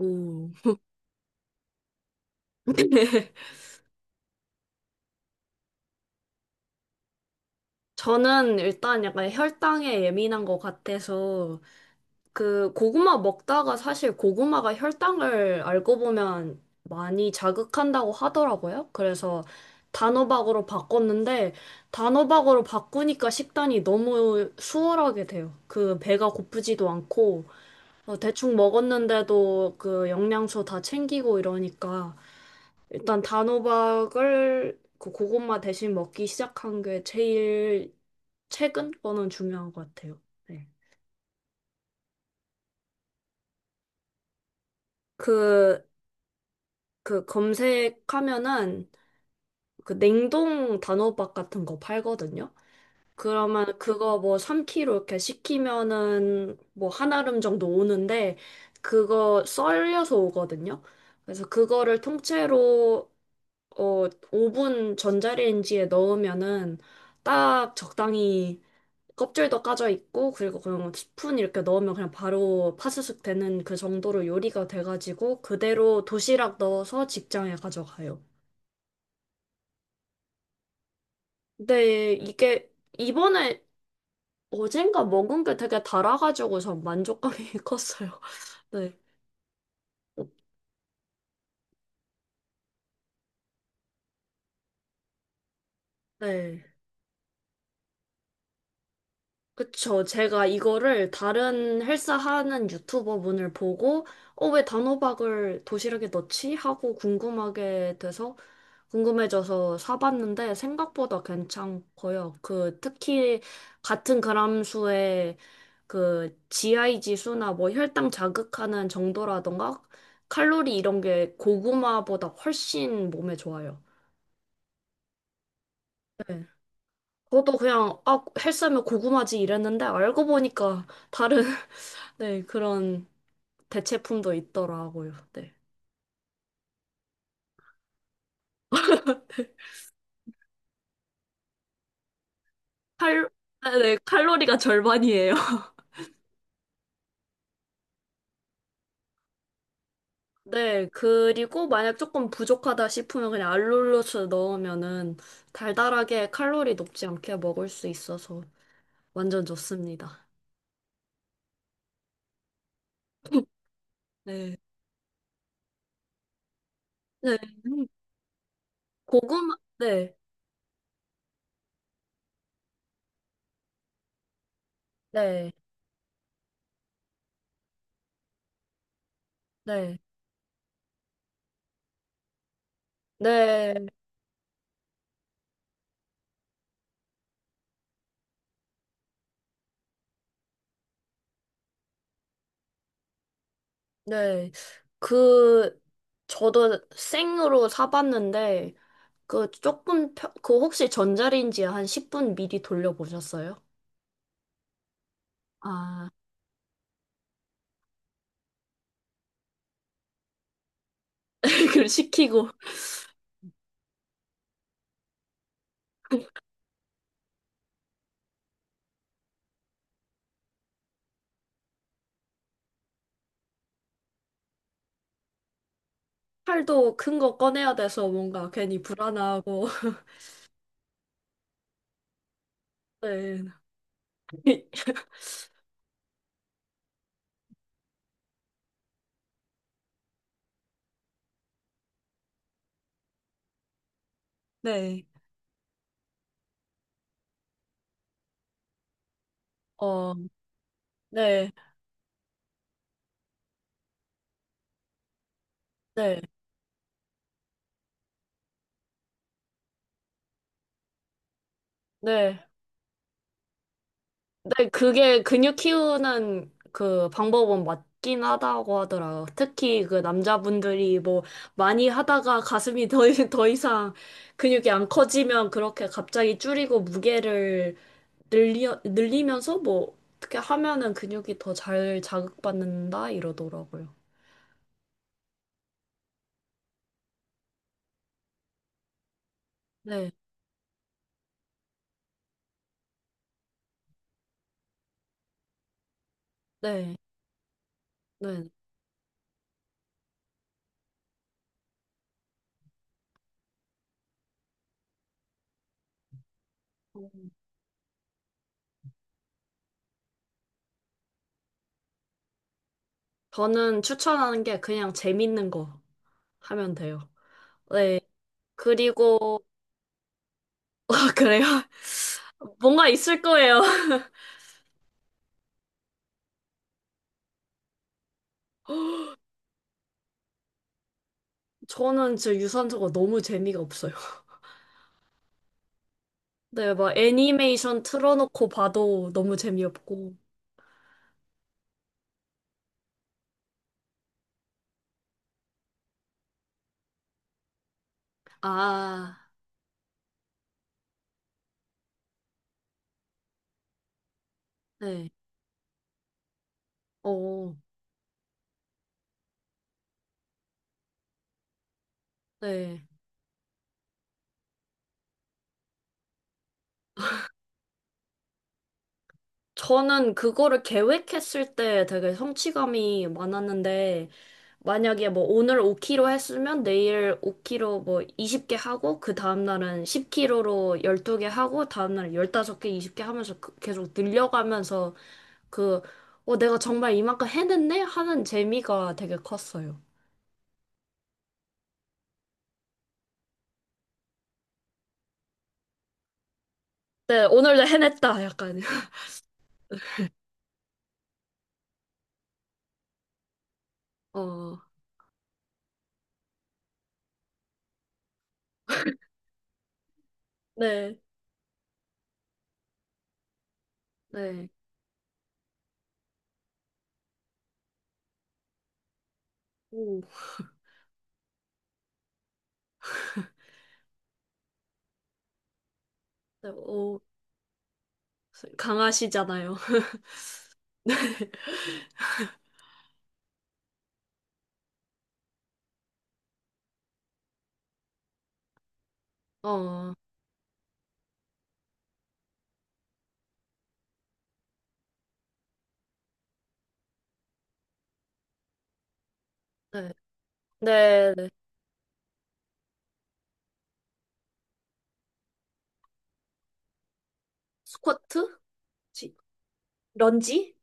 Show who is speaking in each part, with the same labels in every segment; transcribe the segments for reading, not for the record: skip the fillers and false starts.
Speaker 1: 음. 저는 일단 약간 혈당에 예민한 것 같아서 그 고구마 먹다가 사실 고구마가 혈당을 알고 보면 많이 자극한다고 하더라고요. 그래서 단호박으로 바꿨는데 단호박으로 바꾸니까 식단이 너무 수월하게 돼요. 그 배가 고프지도 않고 어, 대충 먹었는데도 그 영양소 다 챙기고 이러니까 일단 단호박을 그 고구마 대신 먹기 시작한 게 제일 최근 거는 중요한 것 같아요. 네. 그, 그 검색하면은 그 냉동 단호박 같은 거 팔거든요. 그러면 그거 뭐 3kg 이렇게 시키면은 뭐 한 알음 정도 오는데 그거 썰려서 오거든요. 그래서 그거를 통째로 어, 오븐 전자레인지에 넣으면은 딱 적당히 껍질도 까져 있고 그리고 그냥 뭐 스푼 이렇게 넣으면 그냥 바로 파스스 되는 그 정도로 요리가 돼가지고 그대로 도시락 넣어서 직장에 가져가요. 근데 이게 이번에 어젠가 먹은 게 되게 달아가지고 전 만족감이 컸어요. 네. 네. 그쵸. 제가 이거를 다른 헬스하는 유튜버분을 보고, 어, 왜 단호박을 도시락에 넣지? 하고 궁금하게 돼서, 궁금해져서 사봤는데, 생각보다 괜찮고요. 그, 특히, 같은 그람 수의 그, GI 지수나 뭐 혈당 자극하는 정도라던가, 칼로리 이런 게 고구마보다 훨씬 몸에 좋아요. 네. 저도 그냥, 아, 헬스하면 고구마지 이랬는데, 알고 보니까 다른 네, 그런 대체품도 있더라고요. 네. 칼, 아, 네, 칼로리가 절반이에요. 네, 그리고 만약 조금 부족하다 싶으면 그냥 알룰로스 넣으면은 달달하게 칼로리 높지 않게 먹을 수 있어서 완전 좋습니다. 네. 네. 고구마, 네. 네. 네. 네. 네. 그, 저도 생으로 사봤는데, 그 조금, 그 혹시 전자레인지에 한 10분 미리 돌려보셨어요? 아, 그 시키고 팔도 큰 거 꺼내야 돼서 뭔가 괜히 불안하고 네. 네. 어, 네. 네. 네. 네, 그게 근육 키우는 그 방법은 맞긴 하다고 하더라고요. 특히 그 남자분들이 뭐 많이 하다가 가슴이 더, 더 이상 근육이 안 커지면 그렇게 갑자기 줄이고 무게를 늘리면서 뭐 어떻게 하면은 근육이 더 잘 자극받는다 이러더라고요. 네. 네, 네. 음. 저는 추천하는 게 그냥 재밌는 거 하면 돼요. 네. 그리고, 아, 그래요? 뭔가 있을 거예요. 저는 진 유산소가 너무 재미가 없어요. 네, 막 애니메이션 틀어놓고 봐도 너무 재미없고. 아, 네. 어, 네. 저는 그거를 계획했을 때 되게 성취감이 많았는데, 만약에 뭐 오늘 5kg 했으면 내일 5kg 뭐 20개 하고, 그 다음날은 10kg로 12개 하고, 다음날은 15개, 20개 하면서 계속 늘려가면서 그, 어, 내가 정말 이만큼 해냈네? 하는 재미가 되게 컸어요. 네, 오늘도 해냈다. 약간. 어, 네, 네. 오, 네, 오, 강하시잖아요. 어, 네. 네, 네. 스쿼트? 지- 런지?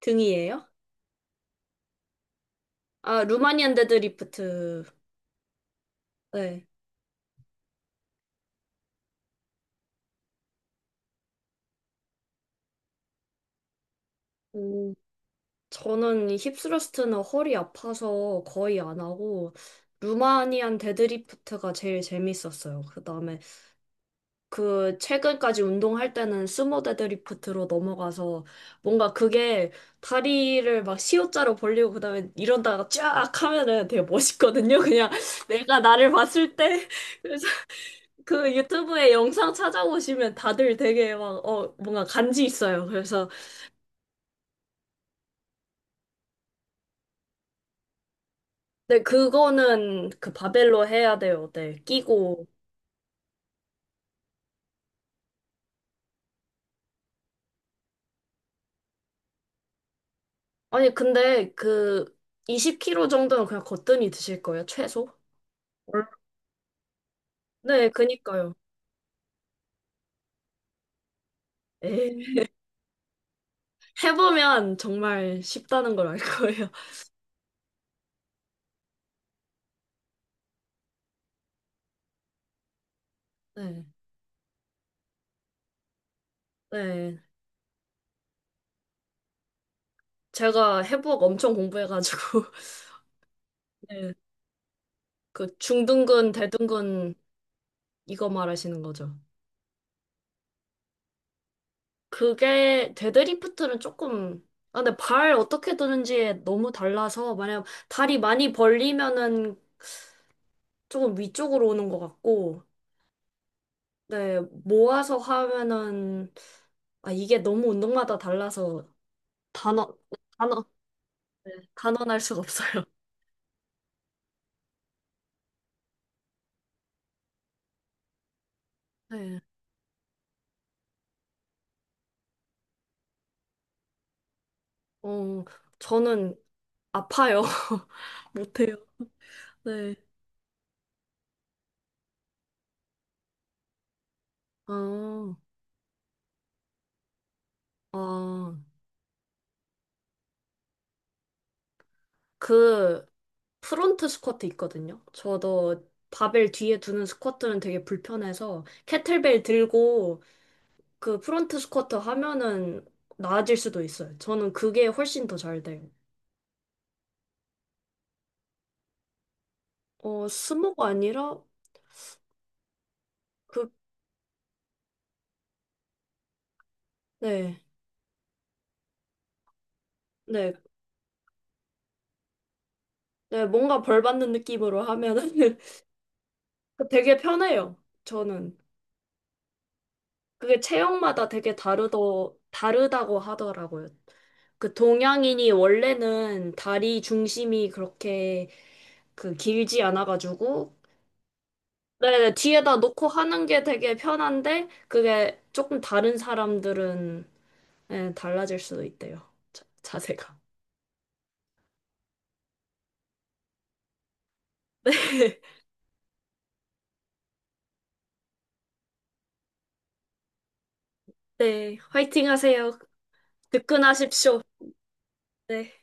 Speaker 1: 등이에요? 아, 루마니안 데드리프트. 네. 음, 저는 힙스러스트는 허리 아파서 거의 안 하고, 루마니안 데드리프트가 제일 재밌었어요. 그 다음에, 그, 최근까지 운동할 때는 스모 데드리프트로 넘어가서, 뭔가 그게 다리를 막 C자로 벌리고, 그 다음에 이런다가 쫙 하면은 되게 멋있거든요. 그냥 내가 나를 봤을 때. 그 유튜브에 영상 찾아보시면 다들 되게 막, 어, 뭔가 간지 있어요. 그래서, 근데 그거는 그 바벨로 해야 돼요. 네, 끼고. 아니, 근데 그 20kg 정도는 그냥 거뜬히 드실 거예요, 최소? 네, 그니까요. 에이, 해보면 정말 쉽다는 걸 알 거예요. 네, 네. 제가 해부학 엄청 공부해가지고, 네, 그 중둔근, 대둔근, 이거 말하시는 거죠. 그게 데드리프트는 조금 아, 근데 발 어떻게 드는지에 너무 달라서 만약 다리 많이 벌리면은 조금 위쪽으로 오는 것 같고 네 모아서 하면은 아 이게 너무 운동마다 달라서 단어 단어 네, 단언할 수가 없어요. 네. 어 저는 아파요. 못해요. 네. 아, 아, 그 프론트 스쿼트 있거든요. 저도 바벨 뒤에 두는 스쿼트는 되게 불편해서 캐틀벨 들고 그 프론트 스쿼트 하면은 나아질 수도 있어요. 저는 그게 훨씬 더 잘 돼요. 어, 스모가 아니라 그 네. 네. 네, 뭔가 벌 받는 느낌으로 하면은 되게 편해요. 저는. 그게 체형마다 되게 다르다고 하더라고요. 그 동양인이 원래는 다리 중심이 그렇게 그 길지 않아가지고, 네네, 뒤에다 놓고 하는 게 되게 편한데, 그게 조금 다른 사람들은 예, 달라질 수도 있대요. 자세가. 네, 화이팅 하세요. 뜨끈하십시오. 네.